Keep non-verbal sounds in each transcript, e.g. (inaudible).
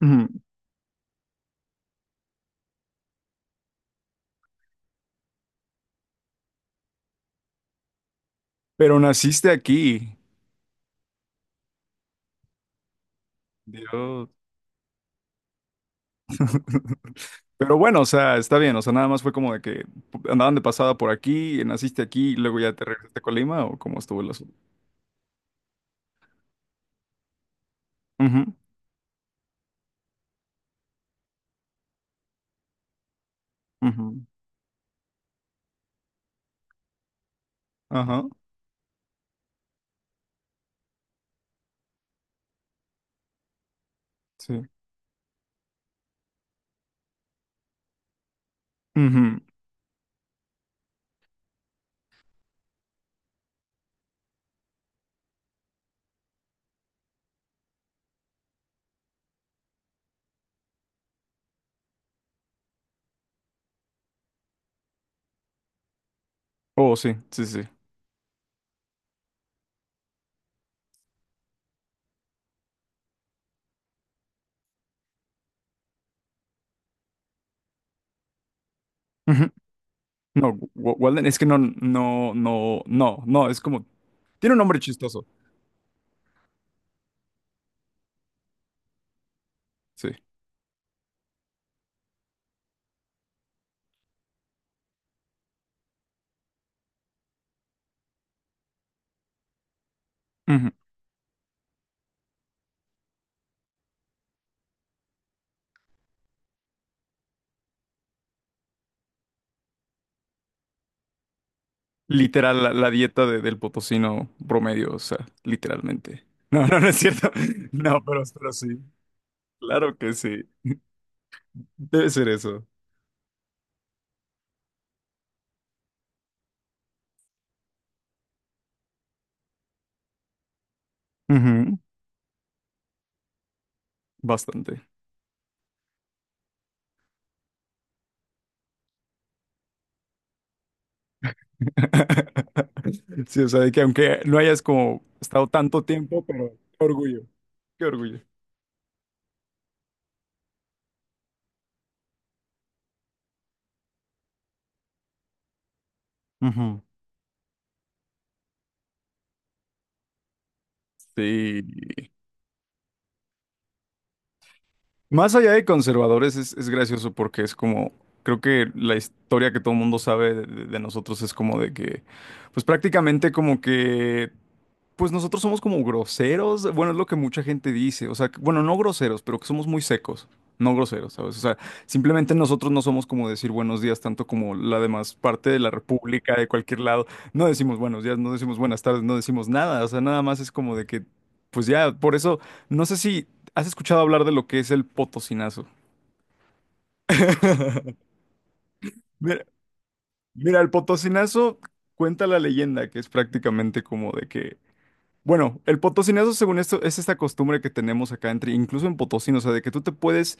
Ujú. Pero naciste aquí. Dios. (laughs) Pero bueno, o sea, está bien. O sea, ¿nada más fue como de que andaban de pasada por aquí, naciste aquí y luego ya te regresaste a Colima o cómo estuvo el asunto? Ujú, ujú. Ajá, sí. Ujú. Oh, sí, sí, sí. Ujú. No, Walden, es que no, no, no, no, no, es como, tiene un nombre chistoso. Sí. Ujú. Literal, la dieta del potosino promedio, o sea, literalmente. No, no, no es cierto. (laughs) No, pero sí. Claro que sí. Debe ser eso. Ujú. Bastante. (laughs) Sí, o sea, de que aunque no hayas como estado tanto tiempo, pero qué orgullo, qué orgullo. Ujú. Sí. Más allá de conservadores, es gracioso porque es como, creo que la historia que todo el mundo sabe de, de nosotros es como de que, pues prácticamente como que pues nosotros somos como groseros, bueno, es lo que mucha gente dice, o sea, bueno, no groseros, pero que somos muy secos, no groseros, ¿sabes? O sea, simplemente nosotros no somos como decir buenos días tanto como la demás parte de la república, de cualquier lado, no decimos buenos días, no decimos buenas tardes, no decimos nada, o sea, nada más es como de que, pues ya, por eso, no sé si has escuchado hablar de lo que es el potosinazo. (laughs) Mira, mira, el potosinazo cuenta la leyenda que es prácticamente como de que bueno, el potosinazo, según esto, es esta costumbre que tenemos acá entre, incluso en Potosí, ¿no? O sea, de que tú te puedes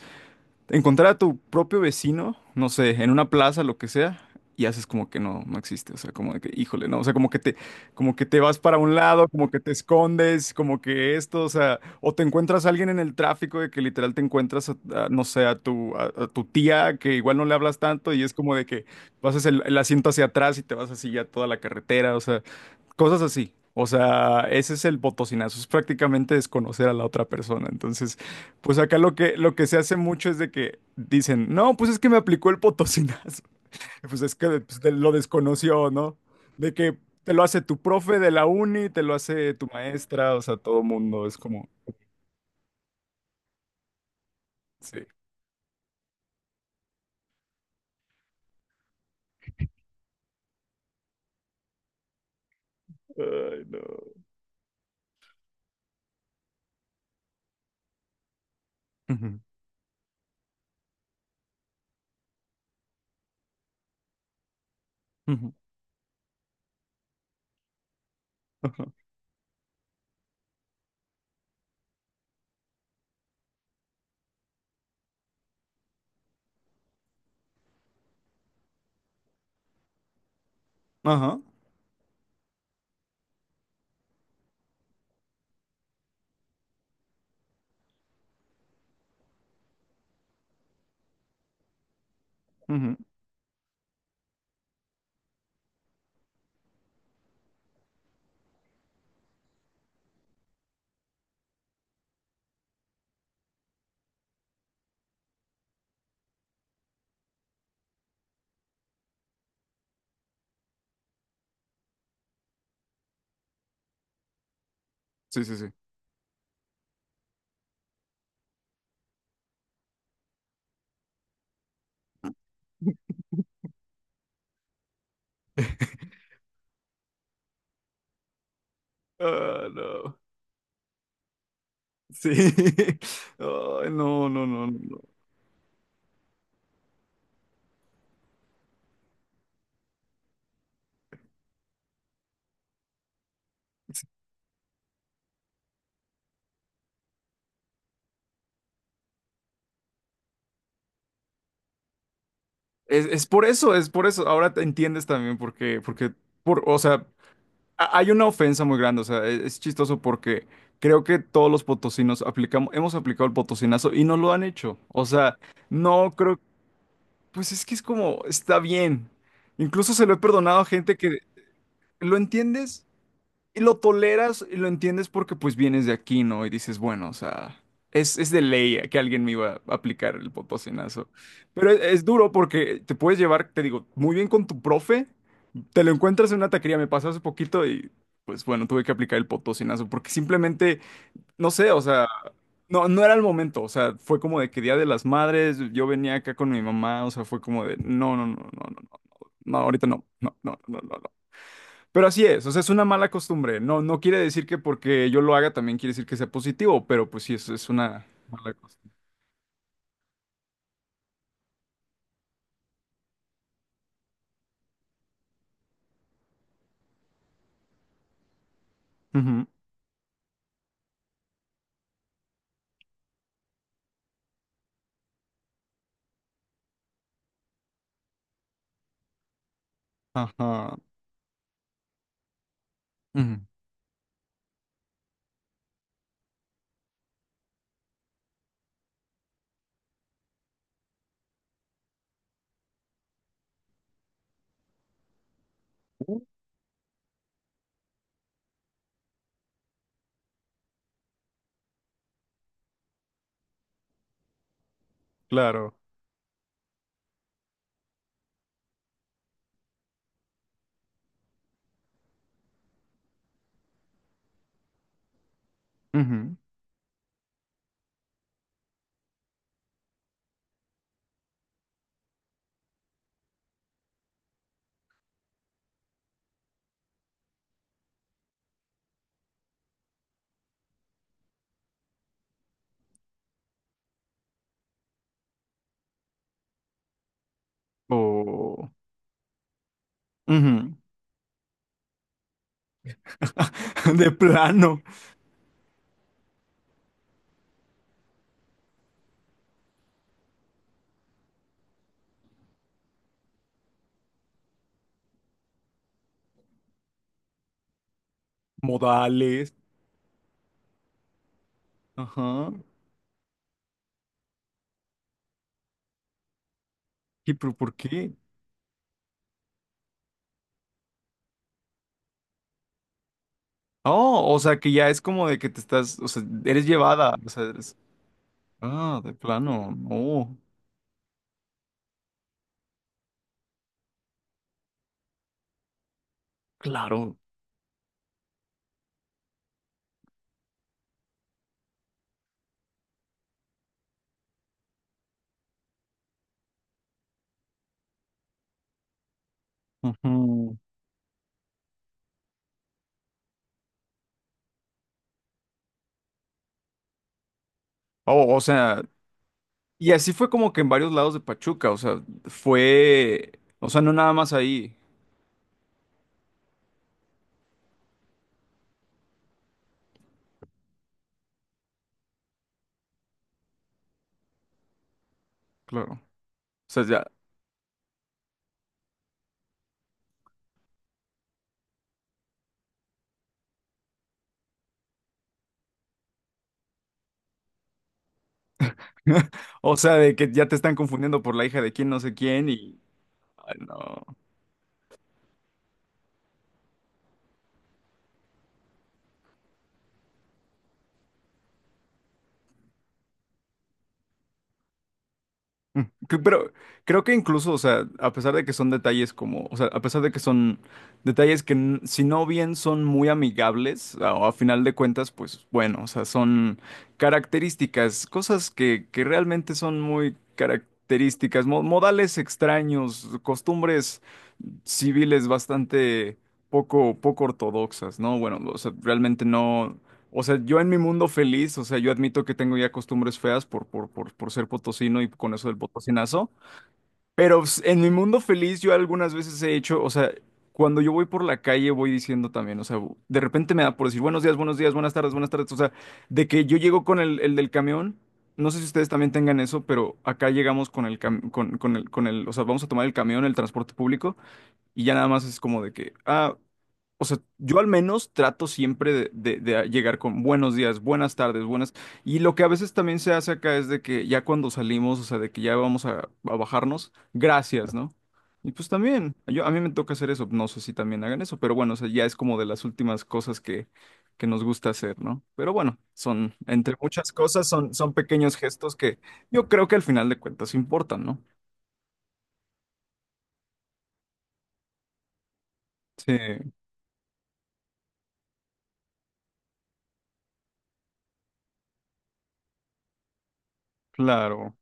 encontrar a tu propio vecino, no sé, en una plaza, lo que sea, y haces como que no, no existe, o sea, como de que, híjole, no, o sea, como que te vas para un lado, como que te escondes, como que esto, o sea, o te encuentras a alguien en el tráfico de que literal te encuentras, no sé, a tu tía que igual no le hablas tanto y es como de que pasas el asiento hacia atrás y te vas así ya toda la carretera, o sea, cosas así. O sea, ese es el botocinazo, es prácticamente desconocer a la otra persona, entonces... Pues acá lo que se hace mucho es de que dicen, no, pues es que me aplicó el potosinazo. (laughs) Pues es que pues, te lo desconoció, ¿no? De que te lo hace tu profe de la uni, te lo hace tu maestra, o sea, todo mundo es como, sí. Ay, no. Ujú, ujú. Ajá. Ajá. Ujú. Sí, sí, sí. Ah, no. Sí. (laughs) Ay, no, no, no, no. No. Es por eso, es por eso. Ahora te entiendes también porque, o sea, hay una ofensa muy grande, o sea, es chistoso porque creo que todos los potosinos aplicamos, hemos aplicado el potosinazo y no lo han hecho. O sea, no creo, pues es que es como, está bien. Incluso se lo he perdonado a gente que lo entiendes y lo toleras y lo entiendes porque pues vienes de aquí, ¿no? Y dices, bueno, o sea, es de ley que alguien me iba a aplicar el potosinazo. Pero es duro porque te puedes llevar, te digo, muy bien con tu profe. Te lo encuentras en una taquería, me pasó hace poquito y pues bueno, tuve que aplicar el potosinazo porque simplemente, no sé, o sea, no, no era el momento, o sea, fue como de que Día de las Madres, yo venía acá con mi mamá, o sea, fue como de, no, no, no, no, no, no, no, ahorita no, no, no, no, no, no. Pero así es, o sea, es una mala costumbre, no, no quiere decir que porque yo lo haga también quiere decir que sea positivo, pero pues sí, es una mala costumbre. Ujú. Ajá, ujú, claro, ujú. O... Ujú. (laughs) De plano. Modales. Ajá. ¿Y pero por qué? Oh, o sea que ya es como de que te estás, o sea, eres llevada. O sea, ah, de plano. No, claro. Ujú. Oh, o sea, y así fue como que en varios lados de Pachuca, o sea, fue, o sea, no nada más ahí, claro. O sea, ya, (laughs) o sea, de que ya te están confundiendo por la hija de quién, no sé quién, y, ay, no. Mm, pero creo que incluso, o sea, a pesar de que son detalles como, o sea, a pesar de que son detalles que si no bien son muy amigables, a final de cuentas, pues bueno, o sea, son características, cosas que realmente son muy características, modales extraños, costumbres civiles bastante poco ortodoxas, ¿no? Bueno, o sea, realmente no. O sea, yo en mi mundo feliz, o sea, yo admito que tengo ya costumbres feas por ser potosino y con eso del potosinazo, pero pues, en mi mundo feliz yo algunas veces he hecho, o sea, cuando yo voy por la calle voy diciendo también, o sea, de repente me da por decir buenos días, buenas tardes, o sea, de que yo llego con el del camión, no sé si ustedes también tengan eso, pero acá llegamos con el, o sea, vamos a tomar el camión, el transporte público. Y ya nada más es como de que, ah, o sea, yo al menos trato siempre de llegar con buenos días, buenas tardes, buenas. Y lo que a veces también se hace acá es de que ya cuando salimos, o sea, de que ya vamos a bajarnos, gracias, ¿no? Y pues también, a mí me toca hacer eso, no sé si también hagan eso, pero bueno, o sea, ya es como de las últimas cosas que nos gusta hacer, ¿no? Pero bueno, son, entre muchas cosas, son pequeños gestos que yo creo que al final de cuentas importan, ¿no? Sí, claro,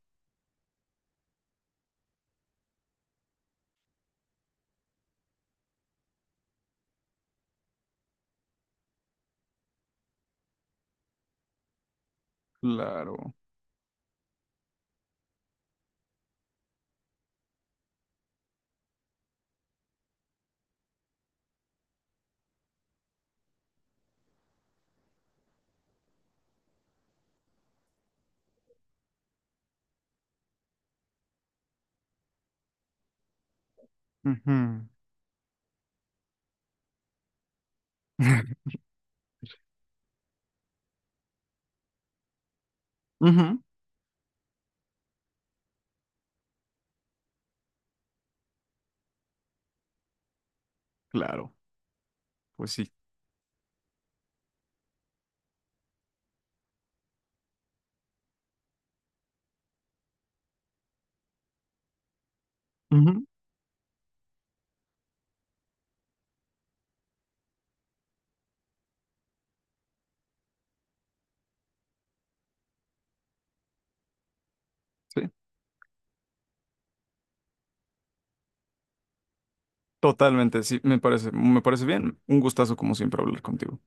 claro. Ujú, ujú. Claro, pues sí. Ujú. Sí, totalmente, sí, me parece bien. Un gustazo como siempre hablar contigo.